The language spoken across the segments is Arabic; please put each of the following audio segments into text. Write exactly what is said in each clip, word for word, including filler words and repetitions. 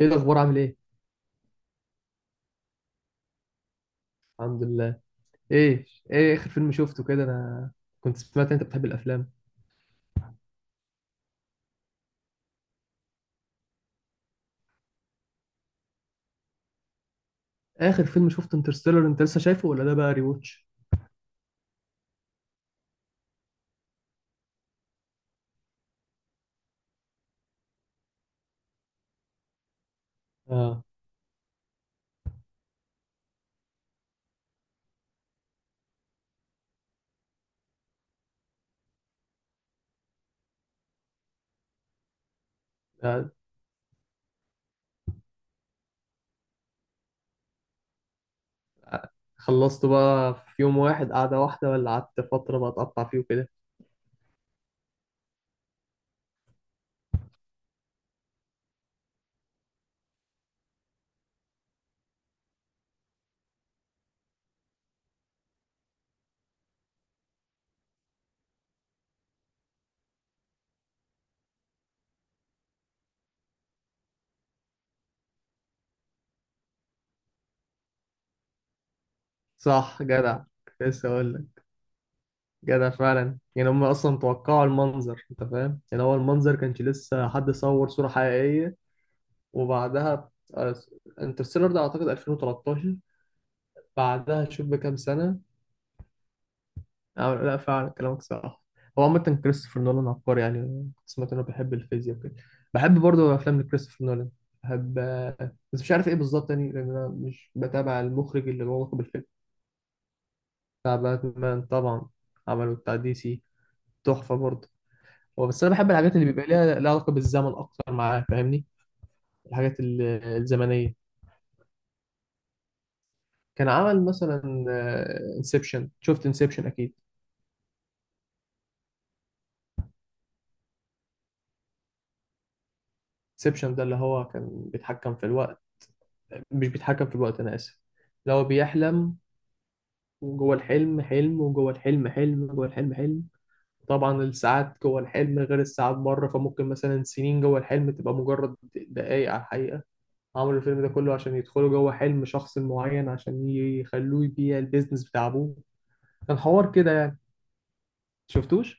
ايه الاخبار، عامل ايه؟ الحمد لله. ايه؟ ايه اخر فيلم شفته كده انا؟ كنت سمعت إن انت بتحب الافلام. اخر فيلم شفته انترستيلر، انت لسه شايفه ولا ده بقى ريوتش؟ اه. آه، خلصته بقى في يوم واحد قعده واحده ولا قعدت فتره بقى اتقطع فيه وكده؟ صح، جدع. كنت لسه اقول لك. جدع فعلا، يعني هم اصلا توقعوا المنظر، انت فاهم، يعني هو المنظر كانش لسه حد صور صوره حقيقيه. وبعدها آه، انترستيلر ده اعتقد ألفين وتلتاشر. بعدها شوف بكام سنه. آه، لا فعلا كلامك صح. هو عامة كريستوفر نولان عبقري، يعني كنت سمعت انه بيحب الفيزياء وكده. بحب برضه افلام لكريستوفر نولان. بحب آه، بس مش عارف ايه بالظبط، يعني لان انا مش بتابع المخرج اللي له علاقه بالفيلم. بتاع باتمان طبعا. عمله بتاع دي سي. تحفة برضه. هو بس انا بحب الحاجات اللي بيبقى ليها لها علاقة بالزمن اكتر معاه، فاهمني. الحاجات ال- الزمنية. كان عمل مثلا انسبشن، شفت انسبشن اكيد. انسبشن ده اللي هو كان بيتحكم في الوقت، مش بيتحكم في الوقت، أنا آسف، لو بيحلم وجوه الحلم حلم، وجوه الحلم حلم، جوه الحلم حلم. طبعا الساعات جوه الحلم غير الساعات بره، فممكن مثلا سنين جوه الحلم تبقى مجرد دقايق على الحقيقة. عملوا الفيلم ده كله عشان يدخلوا جوه حلم شخص معين عشان يخلوه يبيع البيزنس بتاع أبوه. كان حوار كده يعني. شفتوش؟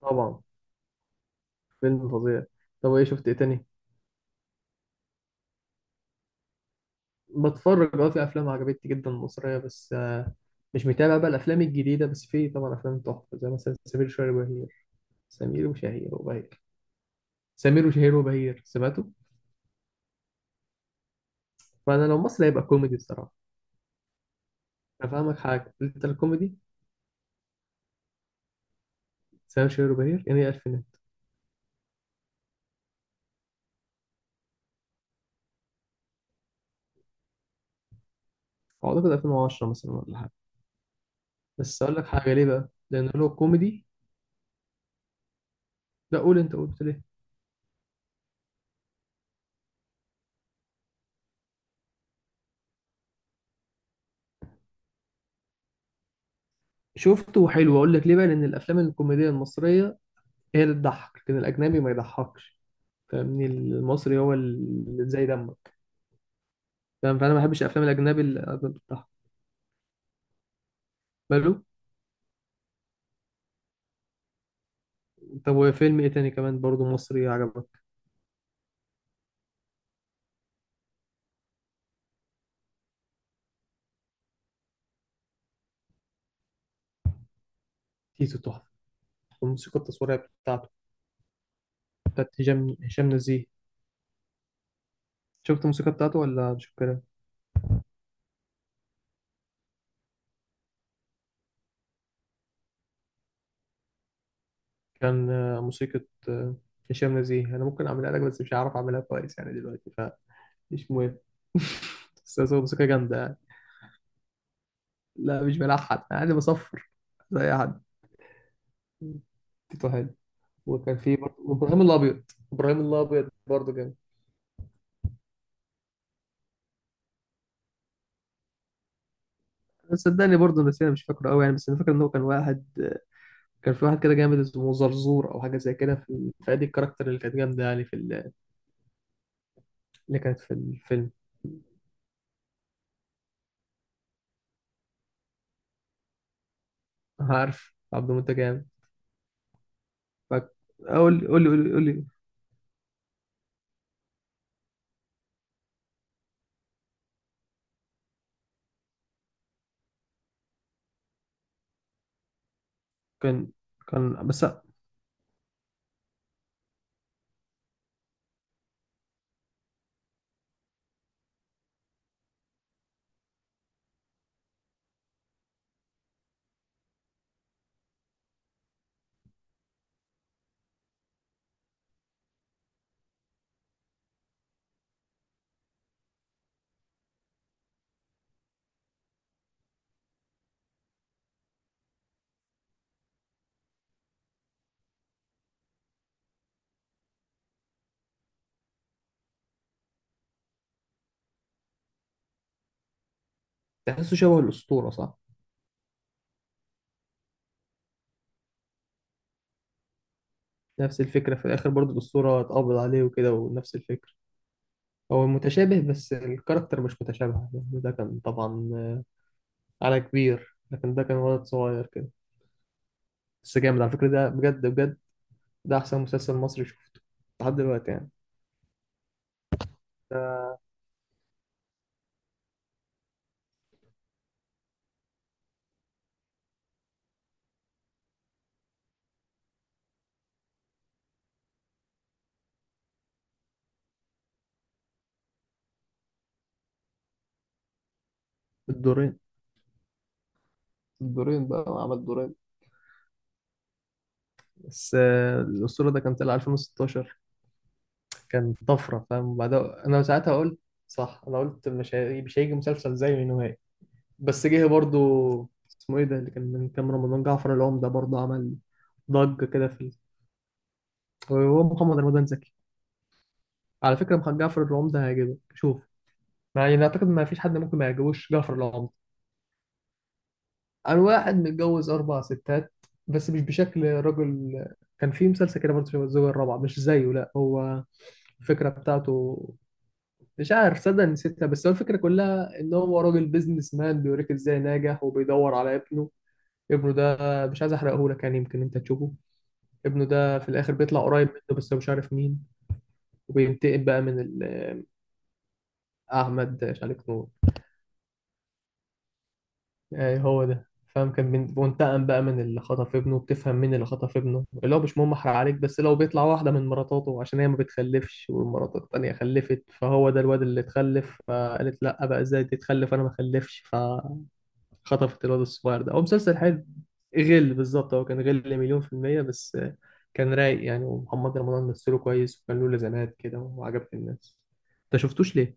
طبعا. فيلم فظيع. طب ايه شفت ايه تاني؟ بتفرج اه، في افلام عجبتني جدا مصريه، بس آه، مش متابع بقى الافلام الجديده، بس في طبعا افلام تحفه زي مثلا سمير شهير وبهير، سمير وشهير وبهير، سمير وشهير وبهير سمعته. فانا لو مصري هيبقى كوميدي بصراحه. افهمك حاجه، انت الكوميدي. سمير وشهير وبهير يعني ايه الفينات؟ اعتقد ألفين وعشرة مثلا ولا حاجه. بس اقول لك حاجه ليه بقى، لان هو كوميدي. لا قول، انت قلت ليه. شفته وحلو. اقول لك ليه بقى، لان الافلام الكوميديه المصريه هي اللي تضحك، لكن الاجنبي ما يضحكش، فاهمني. المصري هو اللي زي دمك، فاهم. فانا ما بحبش الافلام الاجنبي اللي بتاعها. ماله. طب وفيلم ايه تاني كمان برضه مصري عجبك؟ تيتو تحفه، والموسيقى التصويريه بتاعته بتاعت هشام هشام نزيه. شفت الموسيقى بتاعته ولا مش فاكرها؟ كان آه، موسيقى. آه، هشام نزيه، انا ممكن اعملها لك، بس مش هعرف اعملها كويس يعني دلوقتي، فمش مهم. بس هو موسيقى جامده يعني. لا مش بلحن، انا عادي بصفر زي اي حد. تيتو حلو. وكان في برضه وابراهيم الابيض. ابراهيم الابيض برضه جامد. صدقني برضه، بس انا مش فاكره قوي يعني، بس انا فاكر ان هو كان واحد، كان في واحد كده جامد اسمه زرزور او حاجه زي كده، في فادي الكاركتر اللي كانت جامده يعني، في ال- اللي كانت في الفيلم. عارف عبد المنتج جامد. فقول، قول قول لي قول لي قول لي. كان كان بس. تحسه شبه الاسطوره صح. نفس الفكره في الاخر برضه الاسطوره اتقبض عليه وكده، ونفس الفكره. هو متشابه، بس الكاركتر مش متشابه يعني، ده كان طبعا على كبير، لكن ده كان ولد صغير كده. بس جامد على فكره ده، بجد بجد. ده احسن مسلسل مصري شفته لحد دلوقتي يعني. الدورين، الدورين بقى عمل دورين. بس آه، الأسطورة ده كان طلع ألفين وستاشر، كان طفرة فاهم. بعدها أنا ساعتها قلت، صح أنا قلت، مش هي... مش هيجي مسلسل زيه نهائي. بس جه برضو. اسمه إيه ده اللي كان من كام رمضان؟ جعفر العمدة برضو عمل ضجة كده. في ال... وهو محمد رمضان زكي. على فكرة محمد جعفر العمدة هيعجبك، شوف. يعني أنا أعتقد ما فيش حد ممكن ما يعجبوش جعفر العمدة. أنا واحد متجوز أربع ستات، بس مش بشكل راجل. كان في مسلسل كده برضه شبه الزوجة الرابعة، مش زيه، لا، هو الفكرة بتاعته مش عارف، صدق نسيتها، بس هو الفكرة كلها إن هو راجل بيزنس مان بيوريك إزاي ناجح، وبيدور على ابنه. ابنه ده، مش عايز أحرقه لك يعني، يمكن أنت تشوفه. ابنه ده في الآخر بيطلع قريب منه، بس هو مش عارف مين. وبينتقم بقى من ال- أحمد مش عارف نور. يعني هو ده فاهم، كان بين- بينتقم بقى من اللي خطف ابنه، بتفهم مين اللي خطف ابنه، اللي هو مش مهم أحرق عليك، بس لو بيطلع واحدة من مراتاته، عشان هي ما بتخلفش، والمرات التانية خلفت، فهو ده الواد اللي اتخلف، فقالت لأ بقى، إزاي تتخلف أنا ما خلفش، ف خطفت الواد الصغير ده. هو مسلسل حلو. غل بالظبط، هو كان غل مليون في المية، بس آه، كان رايق يعني. ومحمد رمضان مثله كويس، وكان له لازمات كده وعجبت الناس. انت شفتوش ليه؟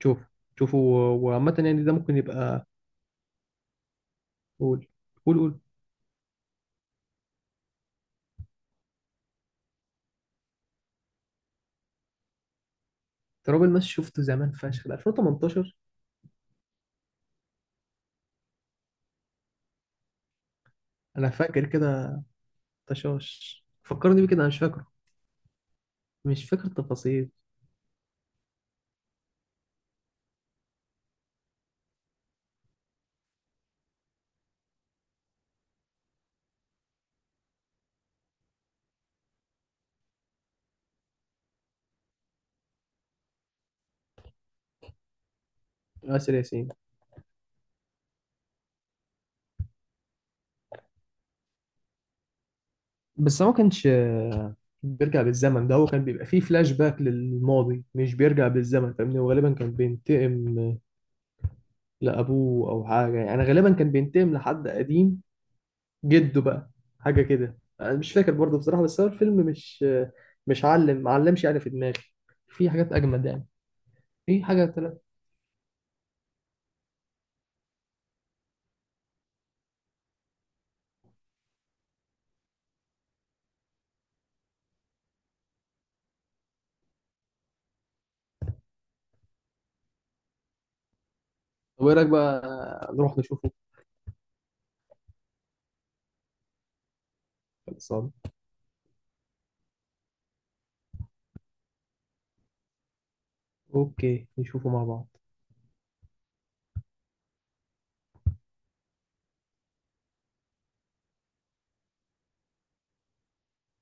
شوف، شوفوا. و- وعامة يعني ده ممكن يبقى. قول قول قول. تراب الماس شفته زمان فشخ، ده ألفين وتمنتاشر. انا فاكر كده. طشاش فكرني بيه كده انا مش فاكره. مش فاكر التفاصيل. آسر ياسين. بس هو ما كانش آه، بيرجع بالزمن، ده هو كان بيبقى فيه فلاش باك للماضي، مش بيرجع بالزمن فاهمني. وغالبا كان بينتقم لأبوه أو حاجة يعني، غالبا كان بينتقم لحد قديم جده بقى، حاجة كده، أنا مش فاكر برضه بصراحة. بس هو الفيلم مش آه، مش علم معلمش يعني في دماغي، في حاجات أجمد يعني. في حاجة تلات. طب إيه رأيك بقى نروح نشوفه؟ خلصان. أوكي نشوفه مع بعض.